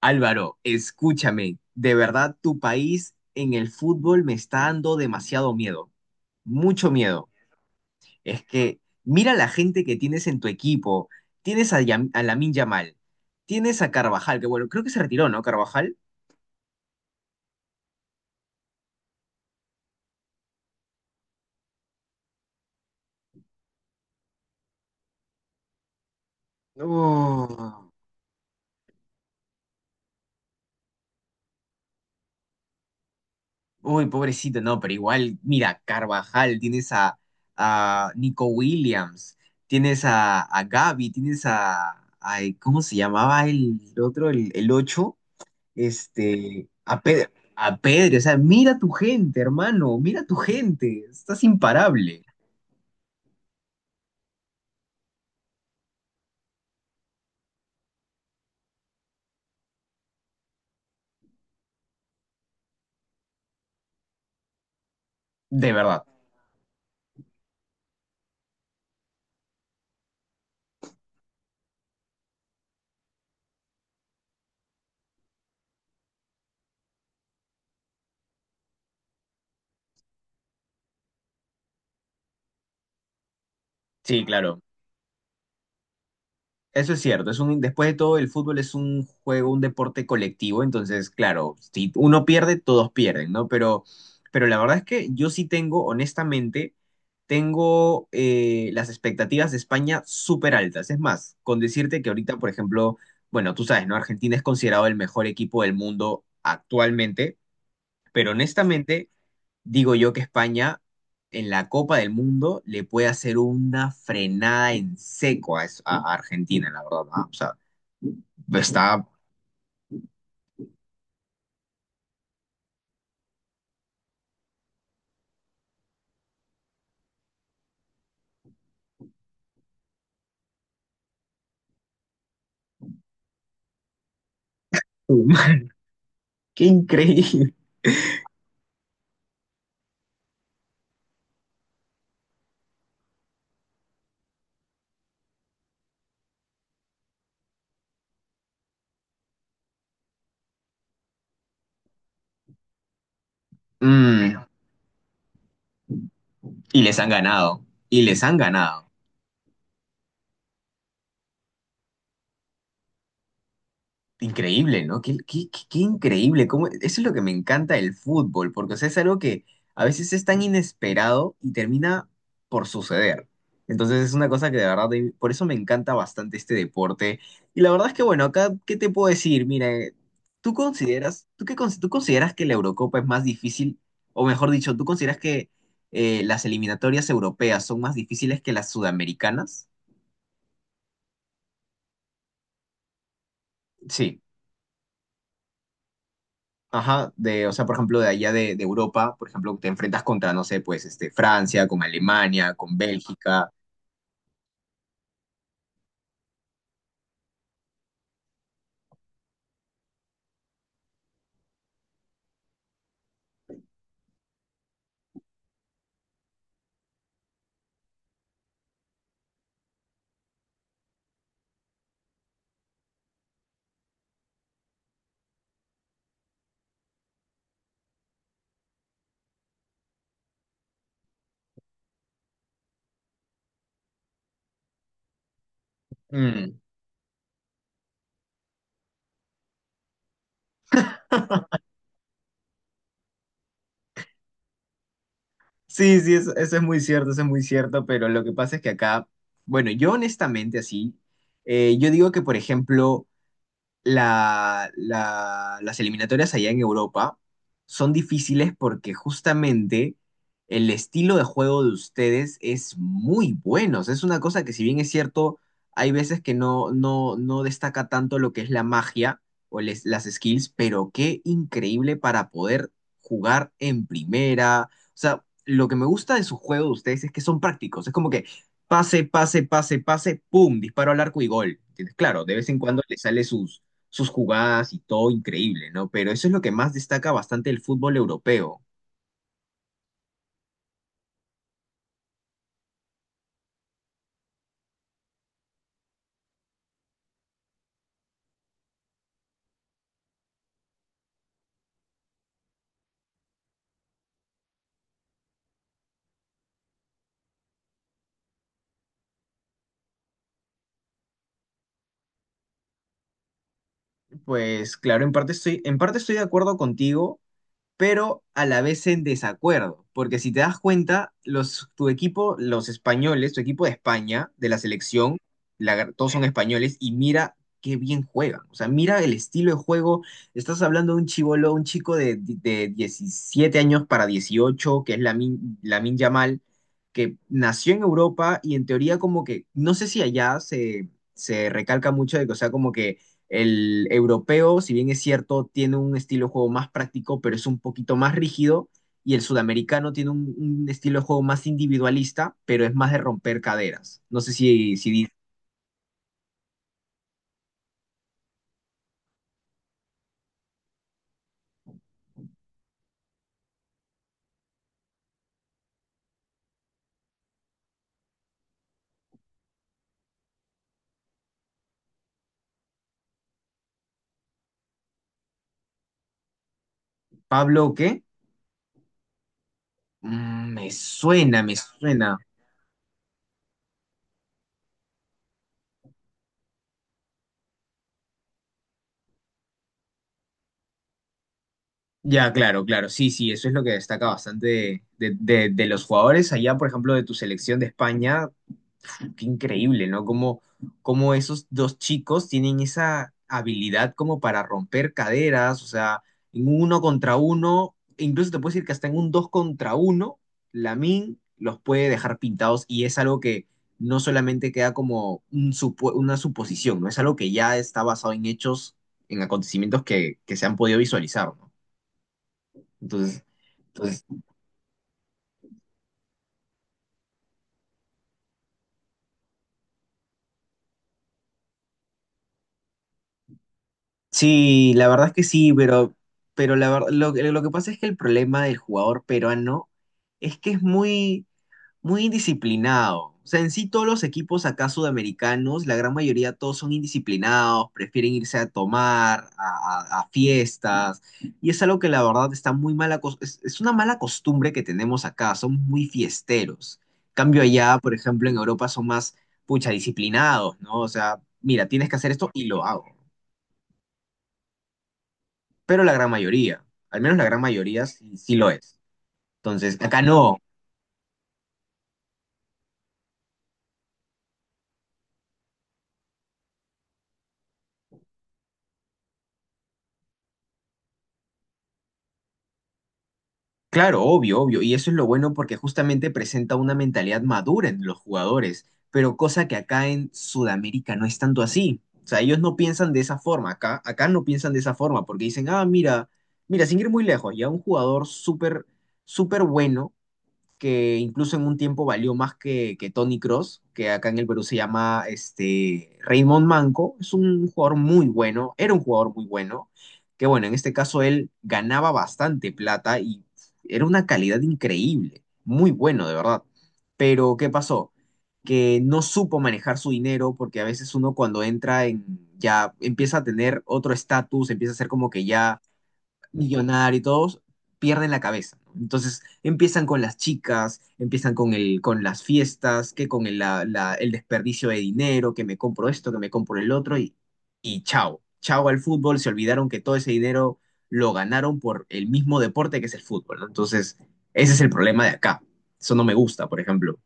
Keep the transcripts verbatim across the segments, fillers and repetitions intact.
Álvaro, escúchame, de verdad tu país en el fútbol me está dando demasiado miedo, mucho miedo. Es que mira la gente que tienes en tu equipo, tienes a, Yam- a Lamine Yamal, tienes a Carvajal, que bueno, creo que se retiró, ¿no? Carvajal. Oh, uy, pobrecito, no, pero igual, mira, Carvajal, tienes a, a Nico Williams, tienes a, a Gavi, tienes a, ay, ¿cómo se llamaba el otro, el, el ocho. este, a Pedro, a Pedro, o sea, mira tu gente, hermano, mira tu gente, estás imparable, de verdad. Sí, claro, eso es cierto, es un, después de todo el fútbol es un juego, un deporte colectivo, entonces, claro, si uno pierde, todos pierden, ¿no? Pero, pero la verdad es que yo sí tengo, honestamente, tengo eh, las expectativas de España súper altas. Es más, con decirte que ahorita, por ejemplo, bueno, tú sabes, ¿no? Argentina es considerado el mejor equipo del mundo actualmente. Pero honestamente, digo yo que España en la Copa del Mundo le puede hacer una frenada en seco a, es- a Argentina, la verdad. ¿No? O sea, está... ¡Qué increíble! Mm, y les han ganado. Y les han ganado. Increíble, ¿no? Qué, qué- qué- qué increíble. cómo- Eso es lo que me encanta del fútbol, porque o sea, es algo que a veces es tan inesperado y termina por suceder. Entonces es una cosa que de verdad, de- por eso me encanta bastante este deporte. Y la verdad es que, bueno, acá, ¿qué te puedo decir? Mira, eh, ¿tú consideras, tú qué, cons- tú consideras que la Eurocopa es más difícil, o mejor dicho, ¿tú consideras que eh, las eliminatorias europeas son más difíciles que las sudamericanas? Sí. Ajá, de, o sea, por ejemplo, de allá de, de Europa, por ejemplo, te enfrentas contra, no sé, pues, este, Francia, con Alemania, con Bélgica. Mm. Sí, sí, eso, eso es muy cierto, eso es muy cierto, pero lo que pasa es que acá, bueno, yo honestamente así, eh, yo digo que, por ejemplo, la- la- las eliminatorias allá en Europa son difíciles porque justamente el estilo de juego de ustedes es muy bueno. O sea, es una cosa que si bien es cierto, hay veces que no, no, no destaca tanto lo que es la magia o les- las skills, pero qué increíble para poder jugar en primera. O sea, lo que me gusta de su juego de ustedes es que son prácticos. Es como que pase, pase, pase, pase, pum, disparo al arco y gol. ¿Entiendes? Claro, de vez en cuando le sale sus sus jugadas y todo increíble, ¿no? Pero eso es lo que más destaca bastante el fútbol europeo. Pues claro, en parte estoy, en parte estoy de acuerdo contigo, pero a la vez en desacuerdo, porque si te das cuenta, los, tu equipo, los españoles, tu equipo de España, de la selección, la- todos son españoles, y mira qué bien juegan, o sea, mira el estilo de juego, estás hablando de un chibolo, un chico de, de diecisiete años para dieciocho que es Lamin, Lamin Yamal, que nació en Europa y en teoría como que, no sé si allá se, se recalca mucho de que, o sea, como que el europeo, si bien es cierto, tiene un estilo de juego más práctico, pero es un poquito más rígido. Y el sudamericano tiene un, un estilo de juego más individualista, pero es más de romper caderas. No sé si, si di- Pablo o qué. Mm, me suena, me suena. Ya, claro, claro. Sí, sí, eso es lo que destaca bastante de, de- de- de los jugadores allá, por ejemplo, de tu selección de España. Qué increíble, ¿no? Como, como esos dos chicos tienen esa habilidad como para romper caderas, o sea, en un uno contra uno, e incluso te puedo decir que hasta en un dos contra uno, Lamin los puede dejar pintados y es algo que no solamente queda como un supo- una suposición, ¿no? Es algo que ya está basado en hechos, en acontecimientos que, que se han podido visualizar, ¿no? Entonces, entonces Sí, la verdad es que sí, pero, pero la ver- lo, que lo que pasa es que el problema del jugador peruano es que es muy, muy indisciplinado. O sea, en sí todos los equipos acá sudamericanos, la gran mayoría todos son indisciplinados, prefieren irse a tomar, a, a- a fiestas, y es algo que la verdad está muy mala, es, es una mala costumbre que tenemos acá, son muy fiesteros. Cambio allá, por ejemplo, en Europa son más, pucha, disciplinados, ¿no? O sea, mira, tienes que hacer esto y lo hago pero la gran mayoría, al menos la gran mayoría sí, sí lo es. Entonces, acá no, claro, obvio, obvio, y eso es lo bueno porque justamente presenta una mentalidad madura en los jugadores, pero cosa que acá en Sudamérica no es tanto así. O sea, ellos no piensan de esa forma, acá, acá no piensan de esa forma porque dicen, ah, mira, mira, sin ir muy lejos, ya un jugador súper, súper bueno que incluso en un tiempo valió más que, que Tony Cross, que acá en el Perú se llama este, Raymond Manco. Es un jugador muy bueno, era un jugador muy bueno, que bueno, en este caso él ganaba bastante plata y era una calidad increíble, muy bueno, de verdad. Pero, ¿qué pasó? Que no supo manejar su dinero, porque a veces uno cuando entra en, ya empieza a tener otro estatus, empieza a ser como que ya millonaria y todos pierden la cabeza. ¿No? Entonces empiezan con las chicas, empiezan con, el, con las fiestas, que con el, la- la- el desperdicio de dinero, que me compro esto, que me compro el otro y, y chao. Chao al fútbol, se olvidaron que todo ese dinero lo ganaron por el mismo deporte que es el fútbol, ¿no? Entonces, ese es el problema de acá. Eso no me gusta, por ejemplo.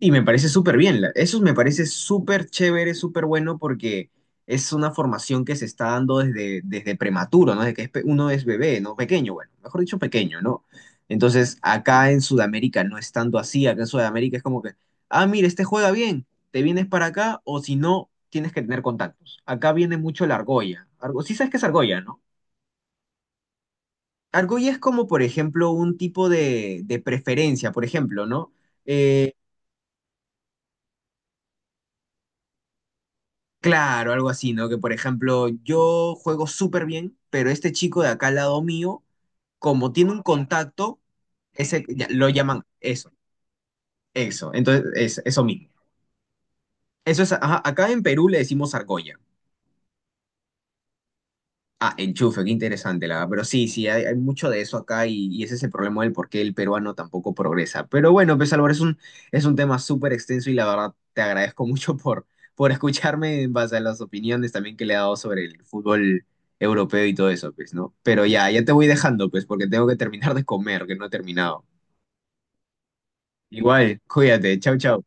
Y me parece súper bien, la- eso me parece súper chévere, súper bueno porque es una formación que se está dando desde, desde prematuro, ¿no? Desde que es pe- uno es bebé, ¿no? Pequeño, bueno, mejor dicho, pequeño, ¿no? Entonces, acá en Sudamérica no es tanto así, acá en Sudamérica es como que, ah, mira, este juega bien, te vienes para acá o si no, tienes que tener contactos. Acá viene mucho la argolla. Argo, sí sabes qué es argolla, ¿no? Argolla es como, por ejemplo, un tipo de, de preferencia, por ejemplo, ¿no? Eh, claro, algo así, ¿no? Que por ejemplo, yo juego súper bien, pero este chico de acá al lado mío, como tiene un contacto, ese ya- lo llaman eso, eso. Entonces, es, eso mismo. Eso es, ajá, acá en Perú le decimos argolla. Ah, enchufe, qué interesante, la verdad. Pero sí, sí, hay, hay mucho de eso acá y, y ese es el problema del por qué el peruano tampoco progresa. Pero bueno, pues Álvaro, es un, es un tema súper extenso y la verdad te agradezco mucho por, por escucharme en base a las opiniones también que le he dado sobre el fútbol europeo y todo eso, pues, ¿no? Pero ya, ya te voy dejando, pues, porque tengo que terminar de comer, que no he terminado. Igual, cuídate, chau, chau.